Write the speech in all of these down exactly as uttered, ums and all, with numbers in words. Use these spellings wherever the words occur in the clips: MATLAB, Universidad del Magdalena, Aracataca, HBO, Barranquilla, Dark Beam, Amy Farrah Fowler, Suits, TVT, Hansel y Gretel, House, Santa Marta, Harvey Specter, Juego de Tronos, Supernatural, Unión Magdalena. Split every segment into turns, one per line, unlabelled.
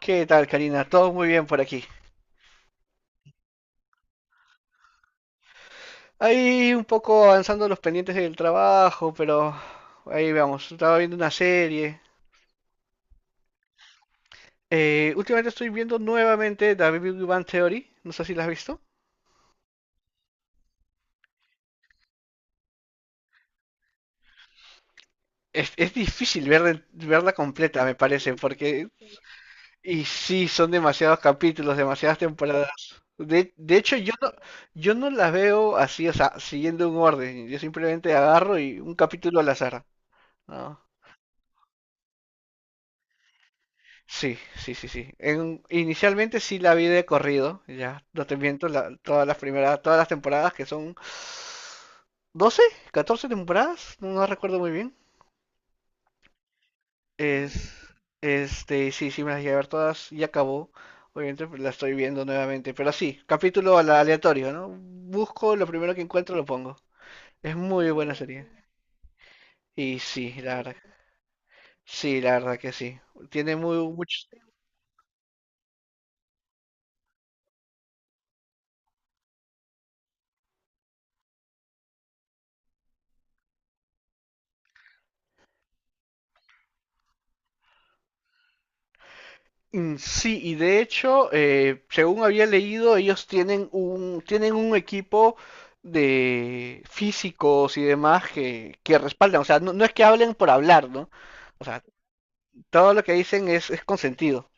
¿Qué tal, Karina? Todo muy bien por aquí. Ahí un poco avanzando los pendientes del trabajo, pero ahí vamos. Estaba viendo una serie. Eh, últimamente estoy viendo nuevamente The Big Bang Theory. No sé si la has visto. Es, es difícil ver- verla completa, me parece, porque... Y sí, son demasiados capítulos, demasiadas temporadas. De, de hecho, yo no, yo no la veo así, o sea, siguiendo un orden. Yo simplemente agarro y un capítulo al azar, ¿no? Sí, sí, sí, sí. En- inicialmente sí la vi de corrido, ya, no te miento, la- todas las primeras, todas las temporadas que son doce, catorce temporadas, no recuerdo muy bien. Es, este, sí, sí, me las llegué a ver todas y acabó. Obviamente pues, la estoy viendo nuevamente, pero sí, capítulo al- aleatorio, ¿no? Busco lo primero que encuentro, lo pongo. Es muy buena serie. Y sí, la verdad. Sí, la verdad que sí. Tiene muy mucho. Mm, Sí, y de hecho, eh, según había leído, ellos tienen un, tienen un equipo de físicos y demás que, que respaldan. O sea, no, no es que hablen por hablar, ¿no? O sea, todo lo que dicen es, es consentido.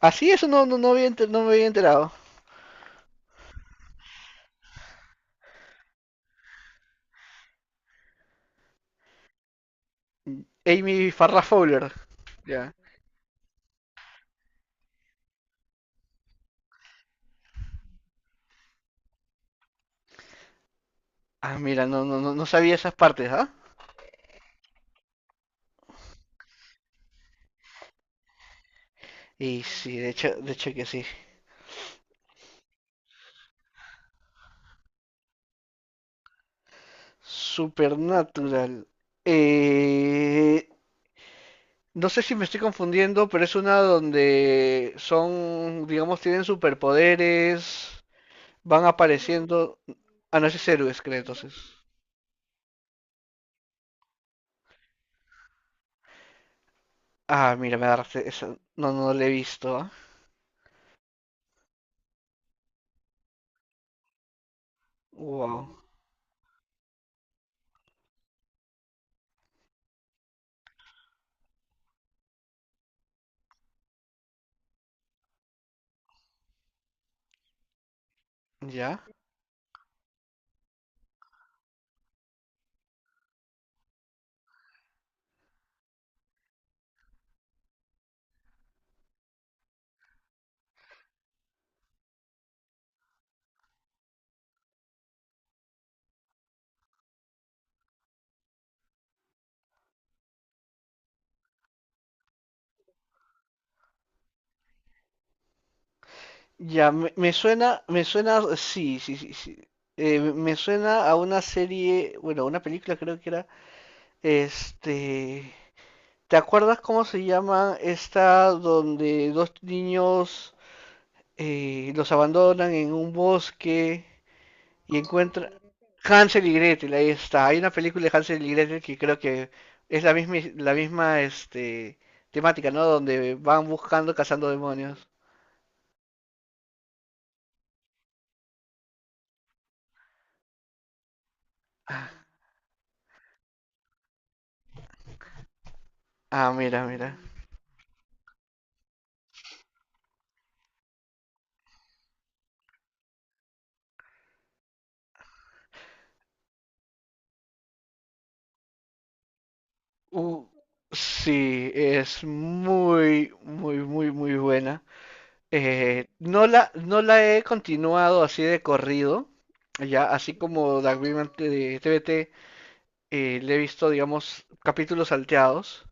Así, eso no, no, no había enter- no me había enterado. Amy Farrah Fowler. Ya. Ah, mira, no, no, no, no sabía esas partes, ¿ah? Y sí, de hecho, de hecho que sí. Supernatural. Eh, No sé si me estoy confundiendo, pero es una donde son, digamos, tienen superpoderes, van apareciendo. Ah, no, ese es héroes, creo, entonces. Ah, mira, me agarraste esa. No, no no la he visto, ¿ah? Wow. Ya. Ya, me, me suena, me suena, sí, sí, sí, sí. Eh, me me suena a una serie, bueno, una película creo que era, este, ¿te acuerdas cómo se llama esta donde dos niños eh, los abandonan en un bosque y encuentran Hansel y Gretel, ahí está. Hay una película de Hansel y Gretel que creo que es la misma, la misma este, temática, ¿no? Donde van buscando, cazando demonios. Ah, ah, mira, mira. Uh, sí, es muy, muy, muy, muy buena. Eh, no la, no la he continuado así de corrido, ya, así como Dark Beam de T V T, eh, le he visto, digamos, capítulos salteados,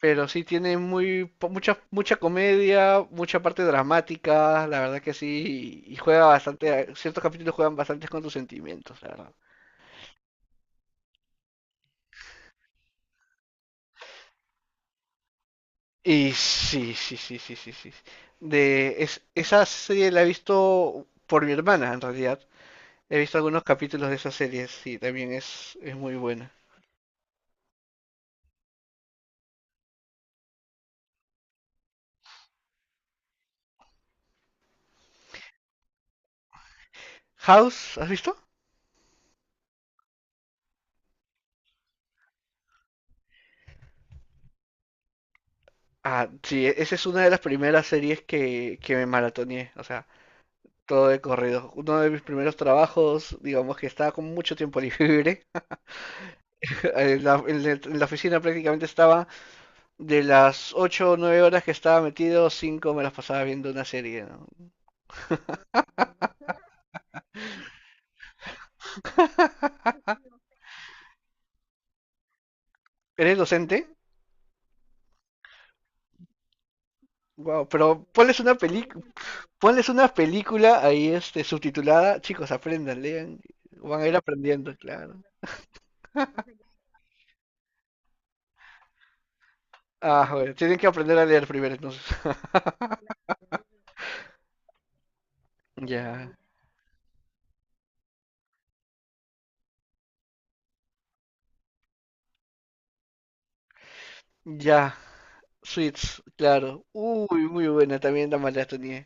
pero sí tiene muy, po- mucha, mucha comedia, mucha parte dramática, la verdad que sí, y juega bastante, eh, ciertos capítulos juegan bastante con tus sentimientos, la verdad. Y sí, sí, sí, sí, sí, sí. De, es- esa serie la he visto por mi hermana, en realidad. He visto algunos capítulos de esa serie, sí, también es, es muy buena. House, ¿has visto? Ah, sí, e- esa es una de las primeras series que, que, me maratoneé, o sea. Todo de corrido. Uno de mis primeros trabajos, digamos que estaba con mucho tiempo libre. En la, en la- en la oficina prácticamente estaba de las ocho o nueve horas que estaba metido, cinco me las pasaba viendo una serie, ¿no? ¿Eres docente? Wow, pero ponles una peli, ponles una película ahí este subtitulada, chicos, aprendan, lean, van a ir aprendiendo, claro. Ah, bueno, tienen que aprender a leer primero entonces. Ya, ya, Suits, claro. Uy, muy buena también la maratoné.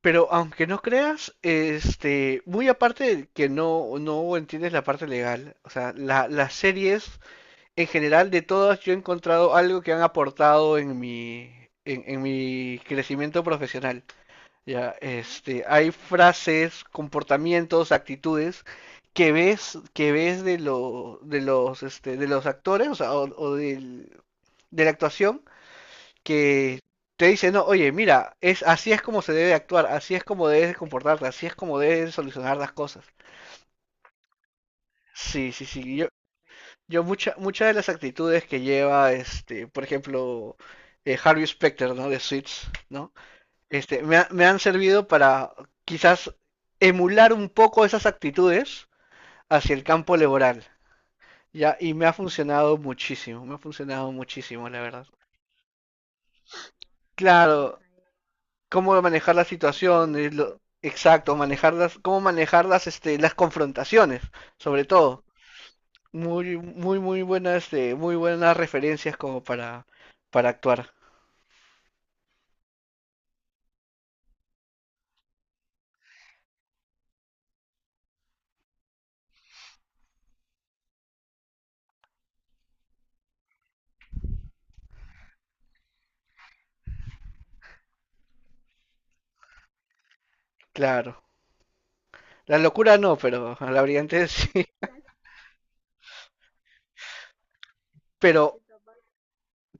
Pero aunque no creas, este, muy aparte de que no, no entiendes la parte legal, o sea, la- las series en general de todas yo he encontrado algo que han aportado en mi, en, en mi crecimiento profesional. Ya, este, hay frases, comportamientos, actitudes que ves, que ves de lo, de los, este, de los actores, o sea, o, o del- de la actuación que te dice, no, oye, mira, es así es como se debe actuar, así es como debes de comportarte, así es como debes de solucionar las cosas. Sí, sí, sí. Yo, yo mucha, muchas de las actitudes que lleva, este, por ejemplo, eh, Harvey Specter, ¿no? De Suits, ¿no? Este, me, ha- me han servido para quizás emular un poco esas actitudes hacia el campo laboral, ¿ya? Y me ha funcionado muchísimo, me ha funcionado muchísimo, la verdad. Claro, cómo manejar las situaciones, lo- exacto, manejarlas, cómo manejar las, este, las confrontaciones, sobre todo. Muy, muy, muy buenas, este, muy buenas referencias como para, para, actuar, claro. La locura no, pero a la brillante sí. Pero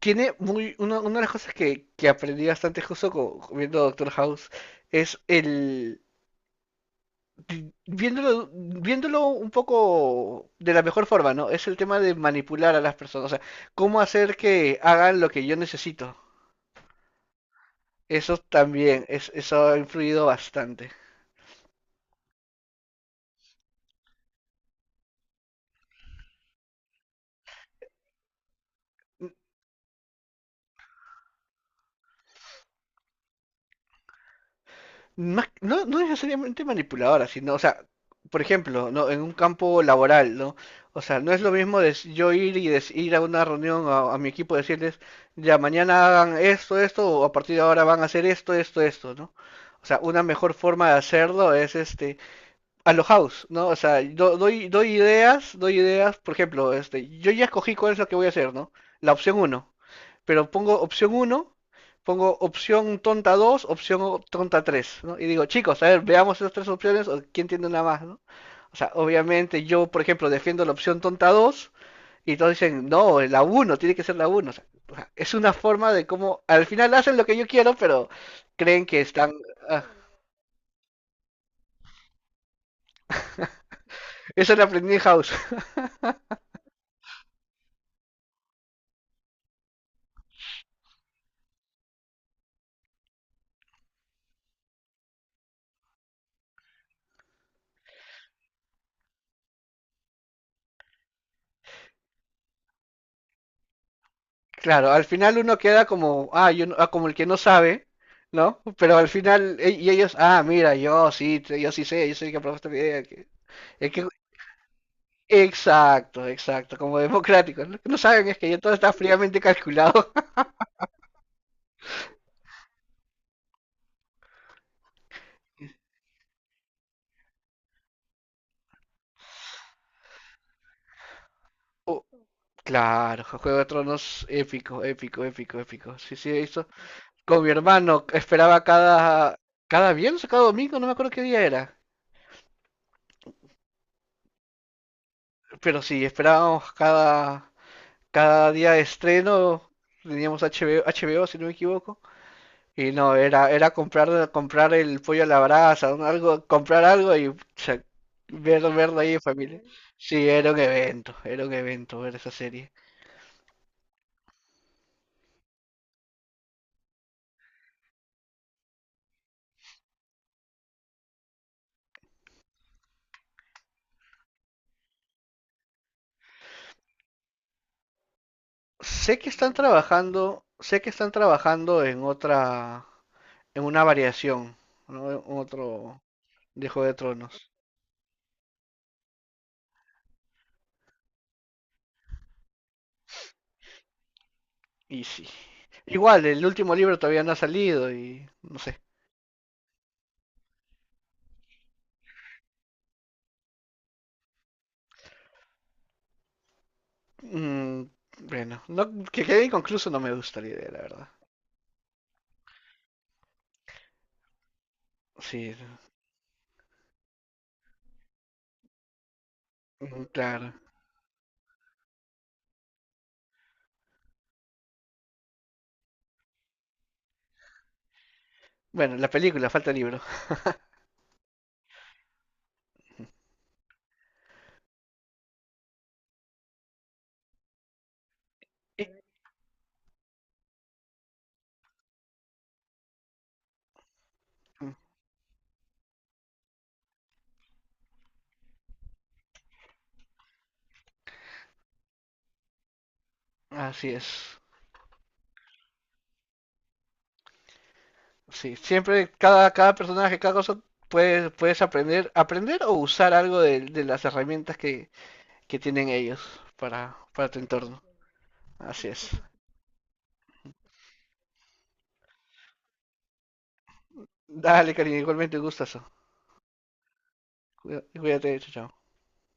tiene muy, una, una, de las cosas que, que aprendí bastante justo co- viendo Doctor House es el, viéndolo, viéndolo un poco de la mejor forma, ¿no? Es el tema de manipular a las personas, o sea, cómo hacer que hagan lo que yo necesito. Eso también, es, eso ha influido bastante. Más- no, no necesariamente manipuladora, sino, o sea, por ejemplo, ¿no? En un campo laboral, ¿no? O sea, no es lo mismo des- yo ir y des- ir a una reunión a, a mi equipo y decirles, ya mañana hagan esto, esto, o a partir de ahora van a hacer esto, esto, esto, ¿no? O sea, una mejor forma de hacerlo es este, a lo house, ¿no? O sea, do- doy, doy ideas, doy ideas, por ejemplo, este, yo ya escogí cuál es lo que voy a hacer, ¿no? La opción uno. Pero pongo opción uno, pongo opción tonta dos, opción o- tonta tres, ¿no? Y digo, chicos, a ver, veamos esas tres opciones o quién tiene una más, ¿no? O sea, obviamente yo, por ejemplo, defiendo la opción tonta dos y todos dicen, no, la uno, tiene que ser la uno. o sea, o sea, es una forma de cómo, al final hacen lo que yo quiero, pero creen que están... Ah, eso lo aprendí en house. Claro, al final uno queda como, ah, yo, no- ah, como el que no sabe, ¿no? Pero al final, e- y ellos, ah, mira, yo sí, te- yo sí sé, yo soy el que aprobó esta idea. Que- es que, exacto, exacto, como democrático. Lo que no saben es que ya todo está fríamente calculado. Oh, claro, Juego de Tronos, épico, épico, épico, épico. Sí, sí, eso. Con mi hermano esperaba cada, cada viernes o cada domingo, no me acuerdo qué día era. Pero sí, esperábamos cada, cada día de estreno teníamos H B O, H B O si no me equivoco. Y no, era, era comprar, comprar el pollo a la brasa, un- algo, comprar algo y pucha, ver, verlo ahí en familia. Sí, era un evento, era un evento ver esa serie. Sé que están trabajando, sé que están trabajando en otra, en una variación, ¿no? En otro de Juego de Tronos. Y sí. Igual, el último libro todavía no ha salido y no sé. Mm, bueno, no, que quede inconcluso no me gusta la idea, la verdad. Sí, mm, claro. Bueno, la película, falta el libro. Y- mm, Así es. Sí, siempre cada, cada personaje, cada cosa, puedes, puedes aprender, aprender o usar algo de, de las herramientas que, que, tienen ellos para, para tu entorno. Así es. Dale, cariño, igualmente un gustazo. Cuida- Cuídate, chao, chao.